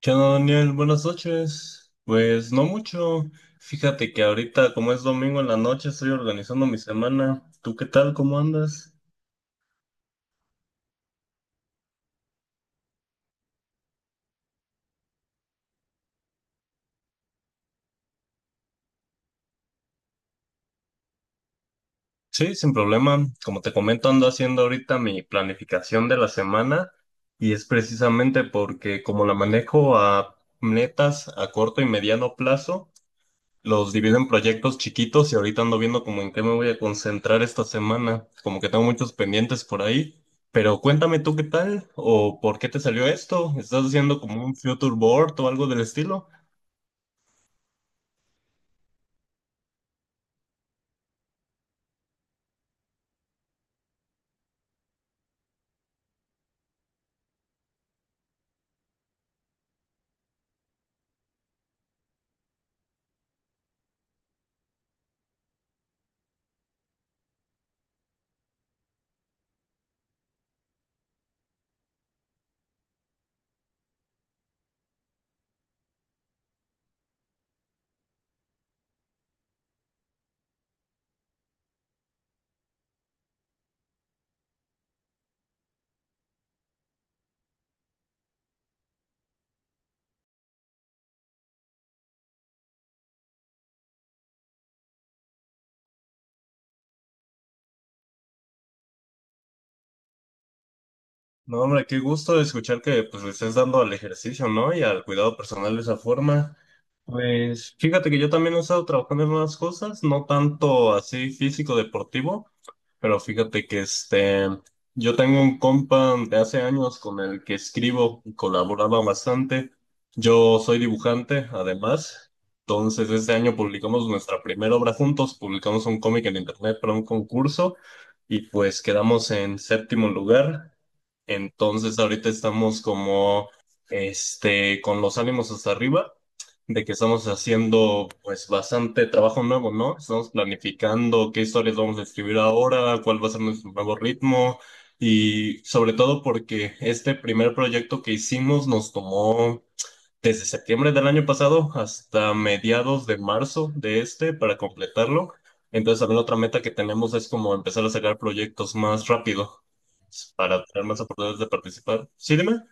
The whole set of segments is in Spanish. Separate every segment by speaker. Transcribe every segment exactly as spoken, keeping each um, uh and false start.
Speaker 1: ¿Qué onda, Daniel? Buenas noches. Pues no mucho. Fíjate que ahorita, como es domingo en la noche, estoy organizando mi semana. ¿Tú qué tal? ¿Cómo andas? Sí, sin problema. Como te comento, ando haciendo ahorita mi planificación de la semana y es precisamente porque como la manejo a metas a corto y mediano plazo, los divido en proyectos chiquitos y ahorita ando viendo como en qué me voy a concentrar esta semana. Como que tengo muchos pendientes por ahí. Pero cuéntame tú qué tal o por qué te salió esto. ¿Estás haciendo como un future board o algo del estilo? No, hombre, qué gusto escuchar que pues le estés dando al ejercicio, ¿no? Y al cuidado personal de esa forma. Pues fíjate que yo también he estado trabajando en unas cosas, no tanto así físico deportivo, pero fíjate que este, yo tengo un compa de hace años con el que escribo y colaboraba bastante. Yo soy dibujante, además. Entonces, este año publicamos nuestra primera obra juntos, publicamos un cómic en internet para un concurso y pues quedamos en séptimo lugar. Entonces, ahorita estamos como, este, con los ánimos hasta arriba de que estamos haciendo pues bastante trabajo nuevo, ¿no? Estamos planificando qué historias vamos a escribir ahora, cuál va a ser nuestro nuevo ritmo y sobre todo porque este primer proyecto que hicimos nos tomó desde septiembre del año pasado hasta mediados de marzo de este para completarlo. Entonces también otra meta que tenemos es como empezar a sacar proyectos más rápido para tener más oportunidades de participar. Sí, dime.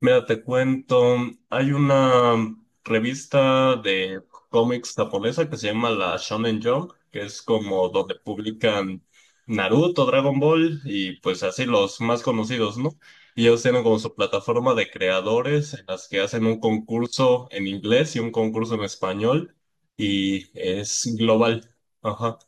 Speaker 1: Mira, te cuento, hay una revista de cómics japonesa que se llama la Shonen Jump, que es como donde publican Naruto, Dragon Ball y pues así los más conocidos, ¿no? Y ellos tienen como su plataforma de creadores en las que hacen un concurso en inglés y un concurso en español y es global. Ajá.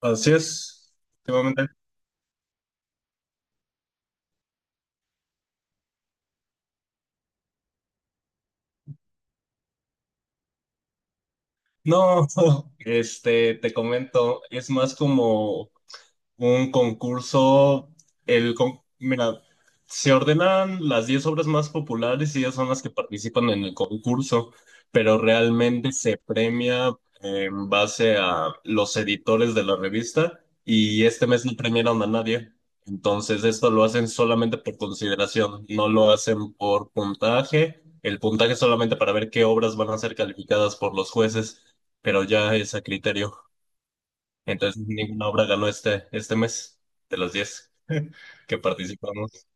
Speaker 1: Así es. Últimamente. No, este, te comento, es más como un concurso, el con- mira, se ordenan las diez obras más populares y ellas son las que participan en el concurso, pero realmente se premia en base a los editores de la revista y este mes no premiaron a nadie. Entonces esto lo hacen solamente por consideración, no lo hacen por puntaje. El puntaje es solamente para ver qué obras van a ser calificadas por los jueces, pero ya es a criterio. Entonces ninguna obra ganó este, este mes de los diez que participamos.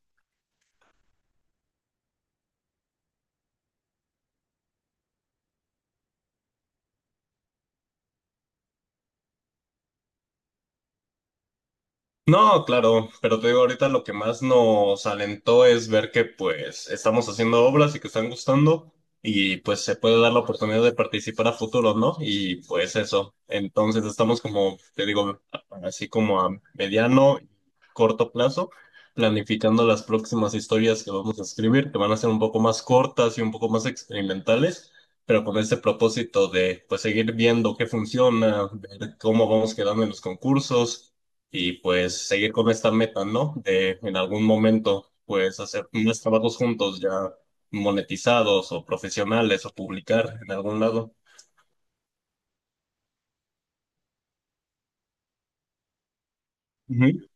Speaker 1: No, claro, pero te digo, ahorita lo que más nos alentó es ver que pues estamos haciendo obras y que están gustando y pues se puede dar la oportunidad de participar a futuro, ¿no? Y pues eso, entonces estamos como, te digo, así como a mediano y corto plazo, planificando las próximas historias que vamos a escribir, que van a ser un poco más cortas y un poco más experimentales, pero con ese propósito de pues seguir viendo qué funciona, ver cómo vamos quedando en los concursos y pues seguir con esta meta, ¿no? De en algún momento, pues hacer unos trabajos juntos ya monetizados o profesionales o publicar en algún lado. Ujú.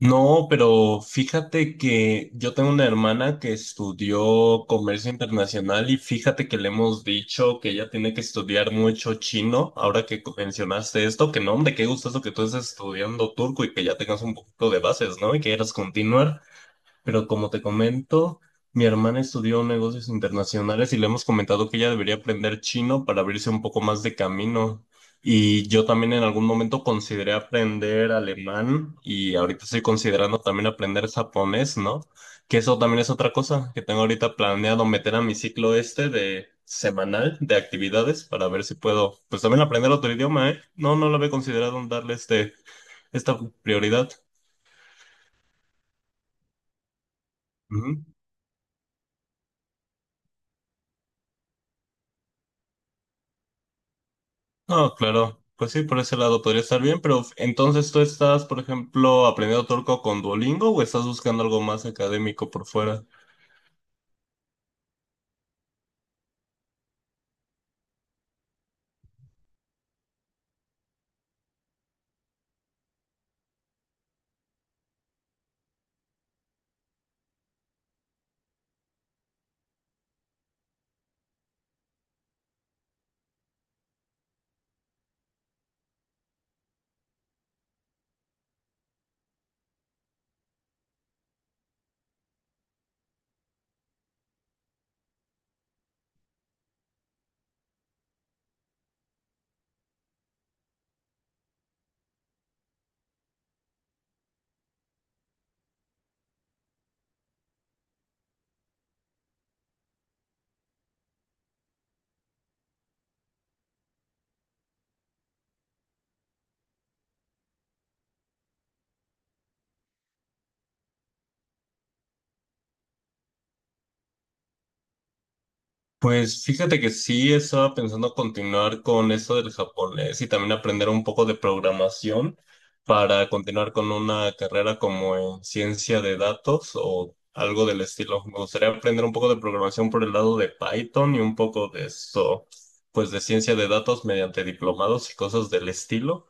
Speaker 1: No, pero fíjate que yo tengo una hermana que estudió comercio internacional y fíjate que le hemos dicho que ella tiene que estudiar mucho chino. Ahora que co- mencionaste esto, que no, hombre, qué gusto eso que tú estés estudiando turco y que ya tengas un poquito de bases, ¿no? Y que quieras continuar. Pero como te comento, mi hermana estudió negocios internacionales y le hemos comentado que ella debería aprender chino para abrirse un poco más de camino. Y yo también en algún momento consideré aprender alemán y ahorita estoy considerando también aprender japonés, ¿no? Que eso también es otra cosa que tengo ahorita planeado meter a mi ciclo este de semanal de actividades para ver si puedo, pues también aprender otro idioma, ¿eh? No, no lo había considerado en darle este, esta prioridad. No, claro. Pues sí, por ese lado podría estar bien, pero entonces tú estás, por ejemplo, ¿aprendiendo turco con Duolingo o estás buscando algo más académico por fuera? Pues fíjate que sí estaba pensando continuar con eso del japonés y también aprender un poco de programación para continuar con una carrera como en ciencia de datos o algo del estilo. Me gustaría aprender un poco de programación por el lado de Python y un poco de eso, pues de ciencia de datos mediante diplomados y cosas del estilo.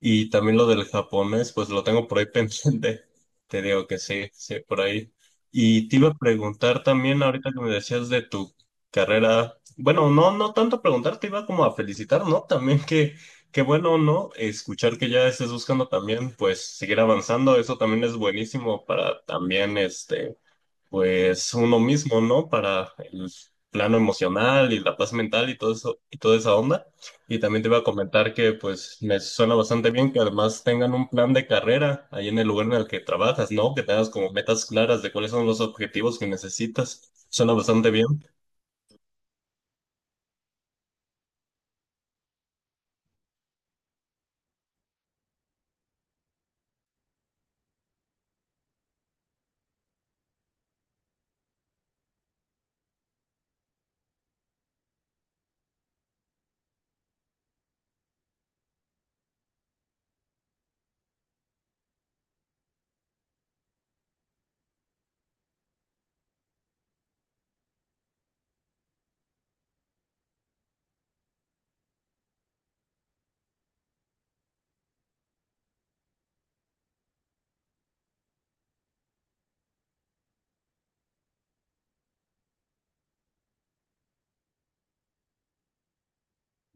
Speaker 1: Y también lo del japonés, pues lo tengo por ahí pendiente. Te digo que sí, sí, por ahí. Y te iba a preguntar también, ahorita que me decías de tu carrera. Bueno, no, no tanto preguntarte, iba como a felicitar, ¿no? También que, qué bueno, ¿no? Escuchar que ya estés buscando también, pues, seguir avanzando, eso también es buenísimo para también, este, pues, uno mismo, ¿no? Para el plano emocional y la paz mental y todo eso, y toda esa onda. Y también te iba a comentar que, pues, me suena bastante bien que además tengan un plan de carrera ahí en el lugar en el que trabajas, ¿no? Que tengas como metas claras de cuáles son los objetivos que necesitas. Suena bastante bien.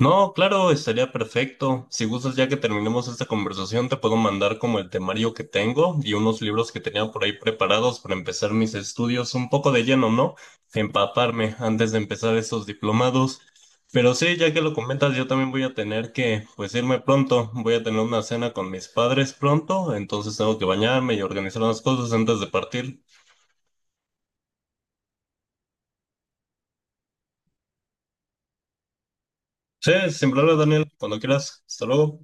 Speaker 1: No, claro, estaría perfecto. Si gustas, ya que terminemos esta conversación, te puedo mandar como el temario que tengo y unos libros que tenía por ahí preparados para empezar mis estudios un poco de lleno, ¿no? Empaparme antes de empezar esos diplomados. Pero sí, ya que lo comentas, yo también voy a tener que, pues, irme pronto. Voy a tener una cena con mis padres pronto, entonces tengo que bañarme y organizar unas cosas antes de partir. Sí, sin problema, Daniel, cuando quieras. Hasta luego.